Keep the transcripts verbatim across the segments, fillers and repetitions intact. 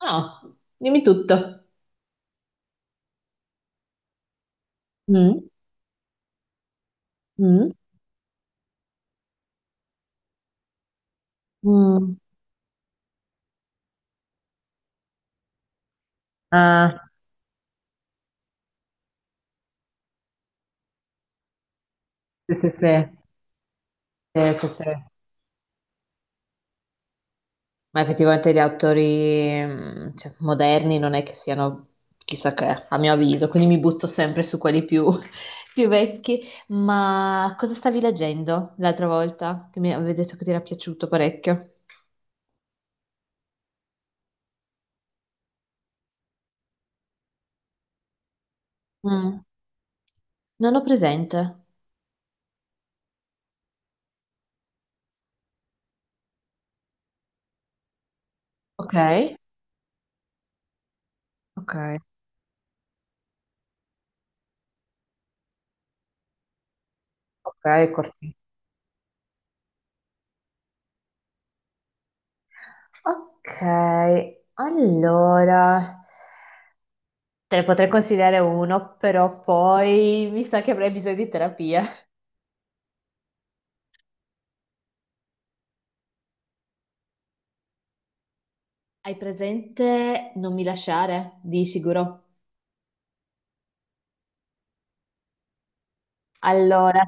Ah, dimmi tutto. Mm, mm, mm. Ah, sì, sì, sì, sì, sì, sì. Ma effettivamente gli autori, mm, cioè, moderni non è che siano chissà che, a mio avviso, quindi mi butto sempre su quelli più, più vecchi. Ma cosa stavi leggendo l'altra volta? Che mi avevi detto che ti era piaciuto parecchio. Mm, Non ho presente. Ok, ok, ok, corti. Ok, allora. Te ne potrei consigliare uno, però poi mi sa che avrei bisogno di terapia. Hai presente Non mi lasciare, di sicuro? Allora,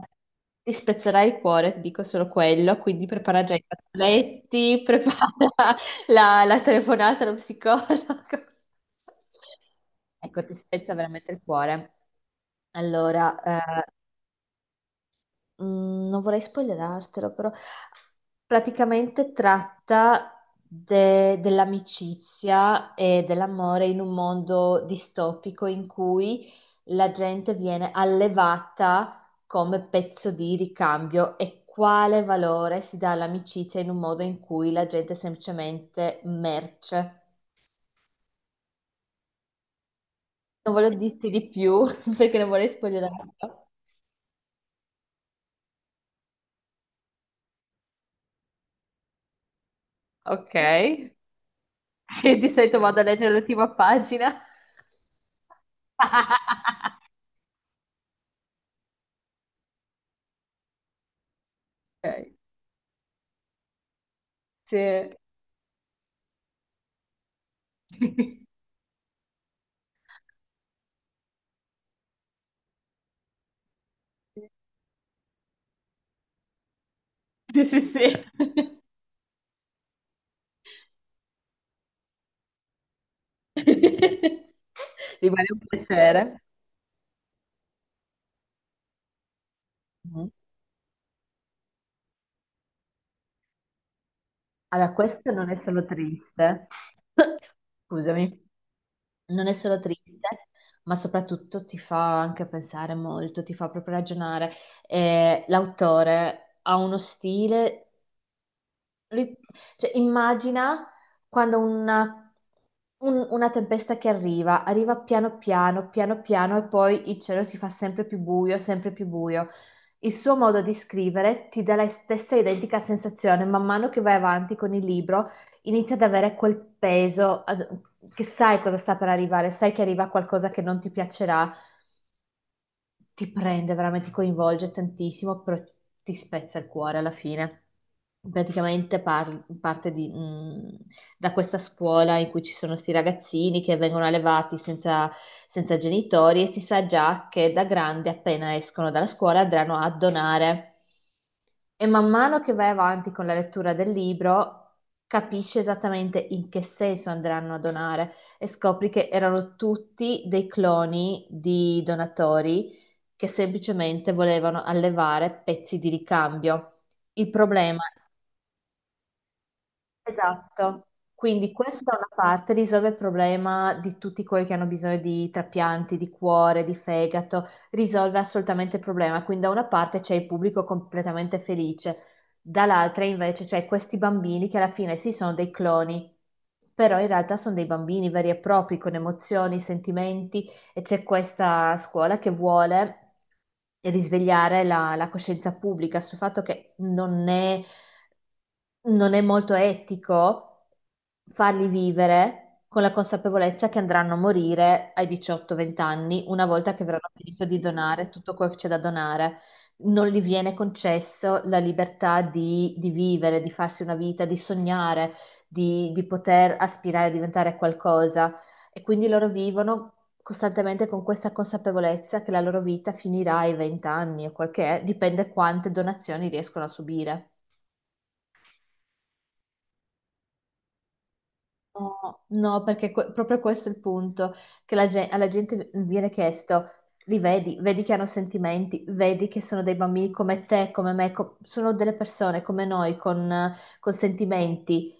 ti spezzerai il cuore, ti dico solo quello, quindi prepara già i fazzoletti, prepara la, la telefonata allo psicologo. Ecco, ti spezza veramente il cuore. Allora, eh, Mm, non vorrei spoilerartelo, però praticamente tratta de- dell'amicizia e dell'amore in un mondo distopico in cui la gente viene allevata come pezzo di ricambio e quale valore si dà all'amicizia in un modo in cui la gente è semplicemente merce. Non voglio dirti di più perché non vorrei spoilerarlo. Ok, Sì, di solito vado a leggere l'ultima pagina. Ok, se... Sì, sì, sì. Rimane un piacere. Mhm. Allora, questo non è solo triste, scusami, non è solo triste, ma soprattutto ti fa anche pensare molto, ti fa proprio ragionare. Eh, l'autore ha uno stile Lui- cioè, immagina quando una, un- una tempesta che arriva, arriva piano piano, piano piano e poi il cielo si fa sempre più buio, sempre più buio. Il suo modo di scrivere ti dà la stessa identica sensazione, man mano che vai avanti con il libro inizia ad avere quel peso, ad- che sai cosa sta per arrivare, sai che arriva qualcosa che non ti piacerà ti prende, veramente ti coinvolge tantissimo, però ti spezza il cuore alla fine. Praticamente par- parte di- mh, da questa scuola in cui ci sono questi ragazzini che vengono allevati senza, senza genitori e si sa già che da grandi, appena escono dalla scuola, andranno a donare. E man mano che vai avanti con la lettura del libro, capisci esattamente in che senso andranno a donare e scopri che erano tutti dei cloni di donatori che semplicemente volevano allevare pezzi di ricambio. Il problema Esatto, quindi questo da una parte risolve il problema di tutti quelli che hanno bisogno di trapianti, di cuore, di fegato, risolve assolutamente il problema. Quindi da una parte c'è il pubblico completamente felice, dall'altra invece c'è questi bambini che alla fine sì sono dei cloni, però in realtà sono dei bambini veri e propri, con emozioni, sentimenti e c'è questa scuola che vuole risvegliare la, la coscienza pubblica sul fatto che non è non è molto etico farli vivere con la consapevolezza che andranno a morire ai diciotto venti anni, una volta che avranno finito di donare tutto quello che c'è da donare. Non gli viene concesso la libertà di, di vivere, di farsi una vita, di sognare, di, di poter aspirare a diventare qualcosa. E quindi loro vivono costantemente con questa consapevolezza che la loro vita finirà ai venti anni o quel che è, dipende quante donazioni riescono a subire. No, no, perché que- proprio questo è il punto, che la gen- alla gente viene chiesto, li vedi, vedi che hanno sentimenti, vedi che sono dei bambini come te, come me, co- sono delle persone come noi con, eh, con sentimenti,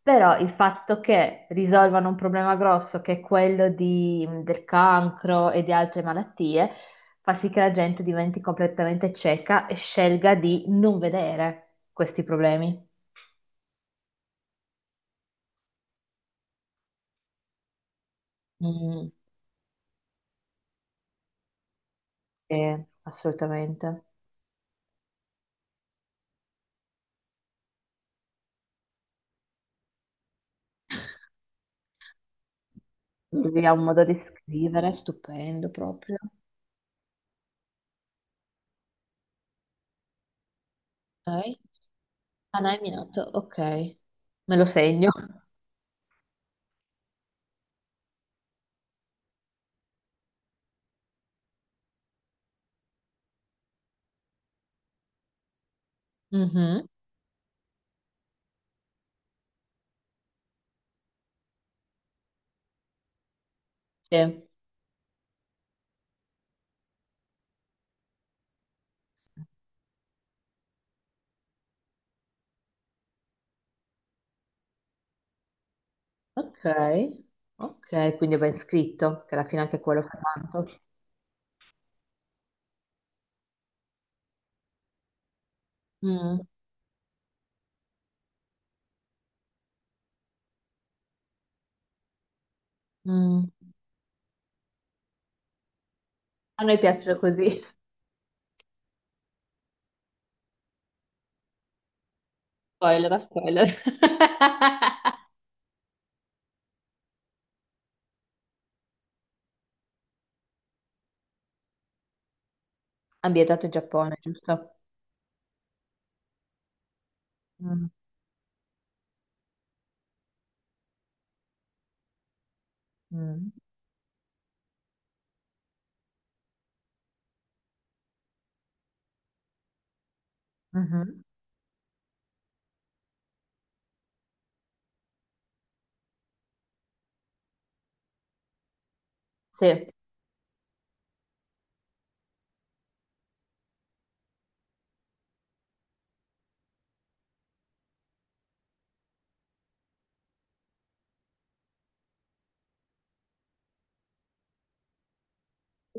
però il fatto che risolvano un problema grosso che è quello di- del cancro e di altre malattie fa sì che la gente diventi completamente cieca e scelga di non vedere questi problemi. Mm, sì, assolutamente. Lui ha un modo di scrivere stupendo proprio. Ok. Hanai Minato, ok. Me lo segno. Mhm, Sì. Ok, ok, quindi è ben scritto, che alla fine anche quello fa tanto. Mm, mm. A noi piacciono così. Spoiler, a spoiler. Ambientato in Giappone, giusto? Mm, mm, mhm. Sì.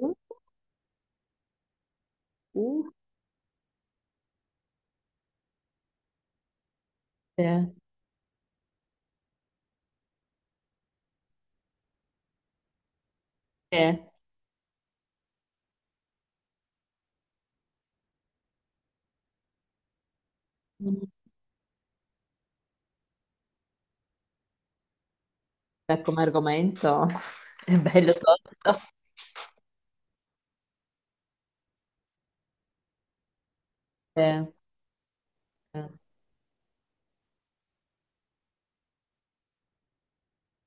Uh, uh, sì, sì. Mm. Beh, come argomento è bello tosto. Eh, eh.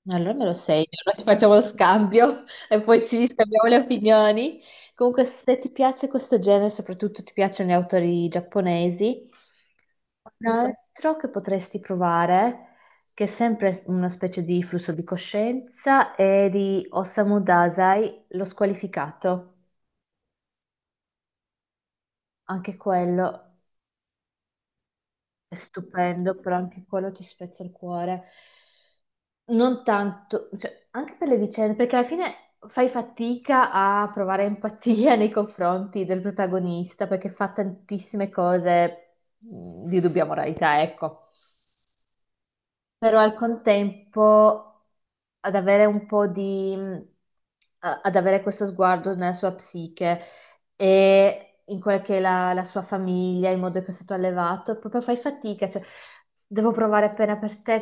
Allora me lo segno, allora ci facciamo lo scambio e poi ci scambiamo le opinioni. Comunque, se ti piace questo genere, soprattutto ti piacciono gli autori giapponesi, un altro che potresti provare, che è sempre una specie di flusso di coscienza, è di Osamu Dazai, Lo squalificato. Anche quello È stupendo, però anche quello ti spezza il cuore. Non tanto, cioè, anche per le vicende, perché alla fine fai fatica a provare empatia nei confronti del protagonista, perché fa tantissime cose mh, di dubbia moralità, ecco però al contempo ad avere un po' di, mh, a- ad avere questo sguardo nella sua psiche e in quella che è la, la sua famiglia, il modo in cui è stato allevato, proprio fai fatica, cioè devo provare appena per te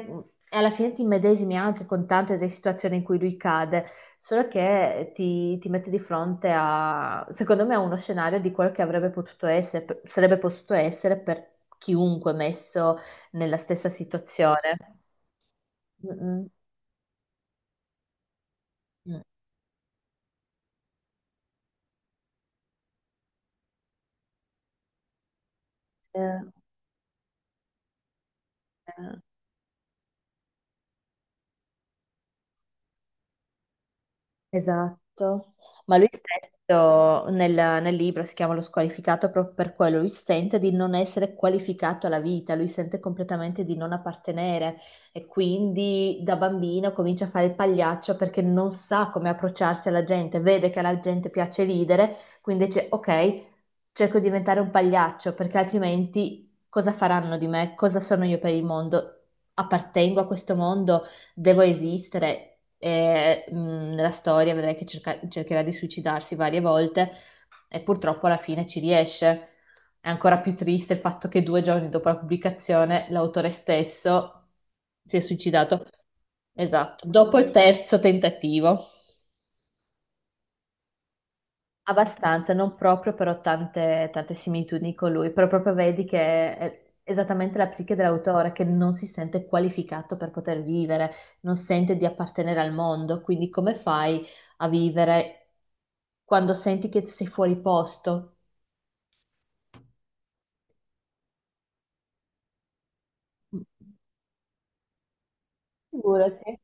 e alla fine ti immedesimi anche con tante delle situazioni in cui lui cade, solo che ti, ti mette di fronte a, secondo me, a uno scenario di quello che avrebbe potuto essere, sarebbe potuto essere per chiunque messo nella stessa situazione. Mm, Mm. mm. Eh, eh, esatto. Ma lui stesso nel, nel libro si chiama Lo squalificato proprio per quello. Lui sente di non essere qualificato alla vita, lui sente completamente di non appartenere e quindi da bambino comincia a fare il pagliaccio perché non sa come approcciarsi alla gente, vede che alla gente piace ridere, quindi dice ok, cerco di diventare un pagliaccio perché altrimenti cosa faranno di me? Cosa sono io per il mondo? Appartengo a questo mondo? devo esistere. E, mh, nella storia vedrai che cerca- cercherà di suicidarsi varie volte e purtroppo alla fine ci riesce. È ancora più triste il fatto che due giorni dopo la pubblicazione l'autore stesso si è suicidato. Esatto, dopo il terzo tentativo. Abbastanza, non proprio, però tante, tante similitudini con lui, però proprio vedi che è esattamente la psiche dell'autore, che non si sente qualificato per poter vivere, non sente di appartenere al mondo, quindi come fai a vivere quando senti che sei fuori posto? Figurati.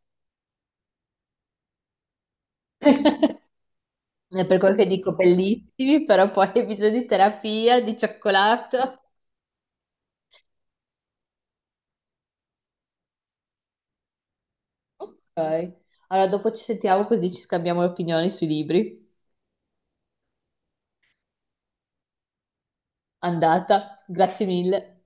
È per quello che dico bellissimi, però poi hai bisogno di terapia, di cioccolato. Ok. Allora, dopo ci sentiamo così ci scambiamo le opinioni sui libri. Andata, grazie mille.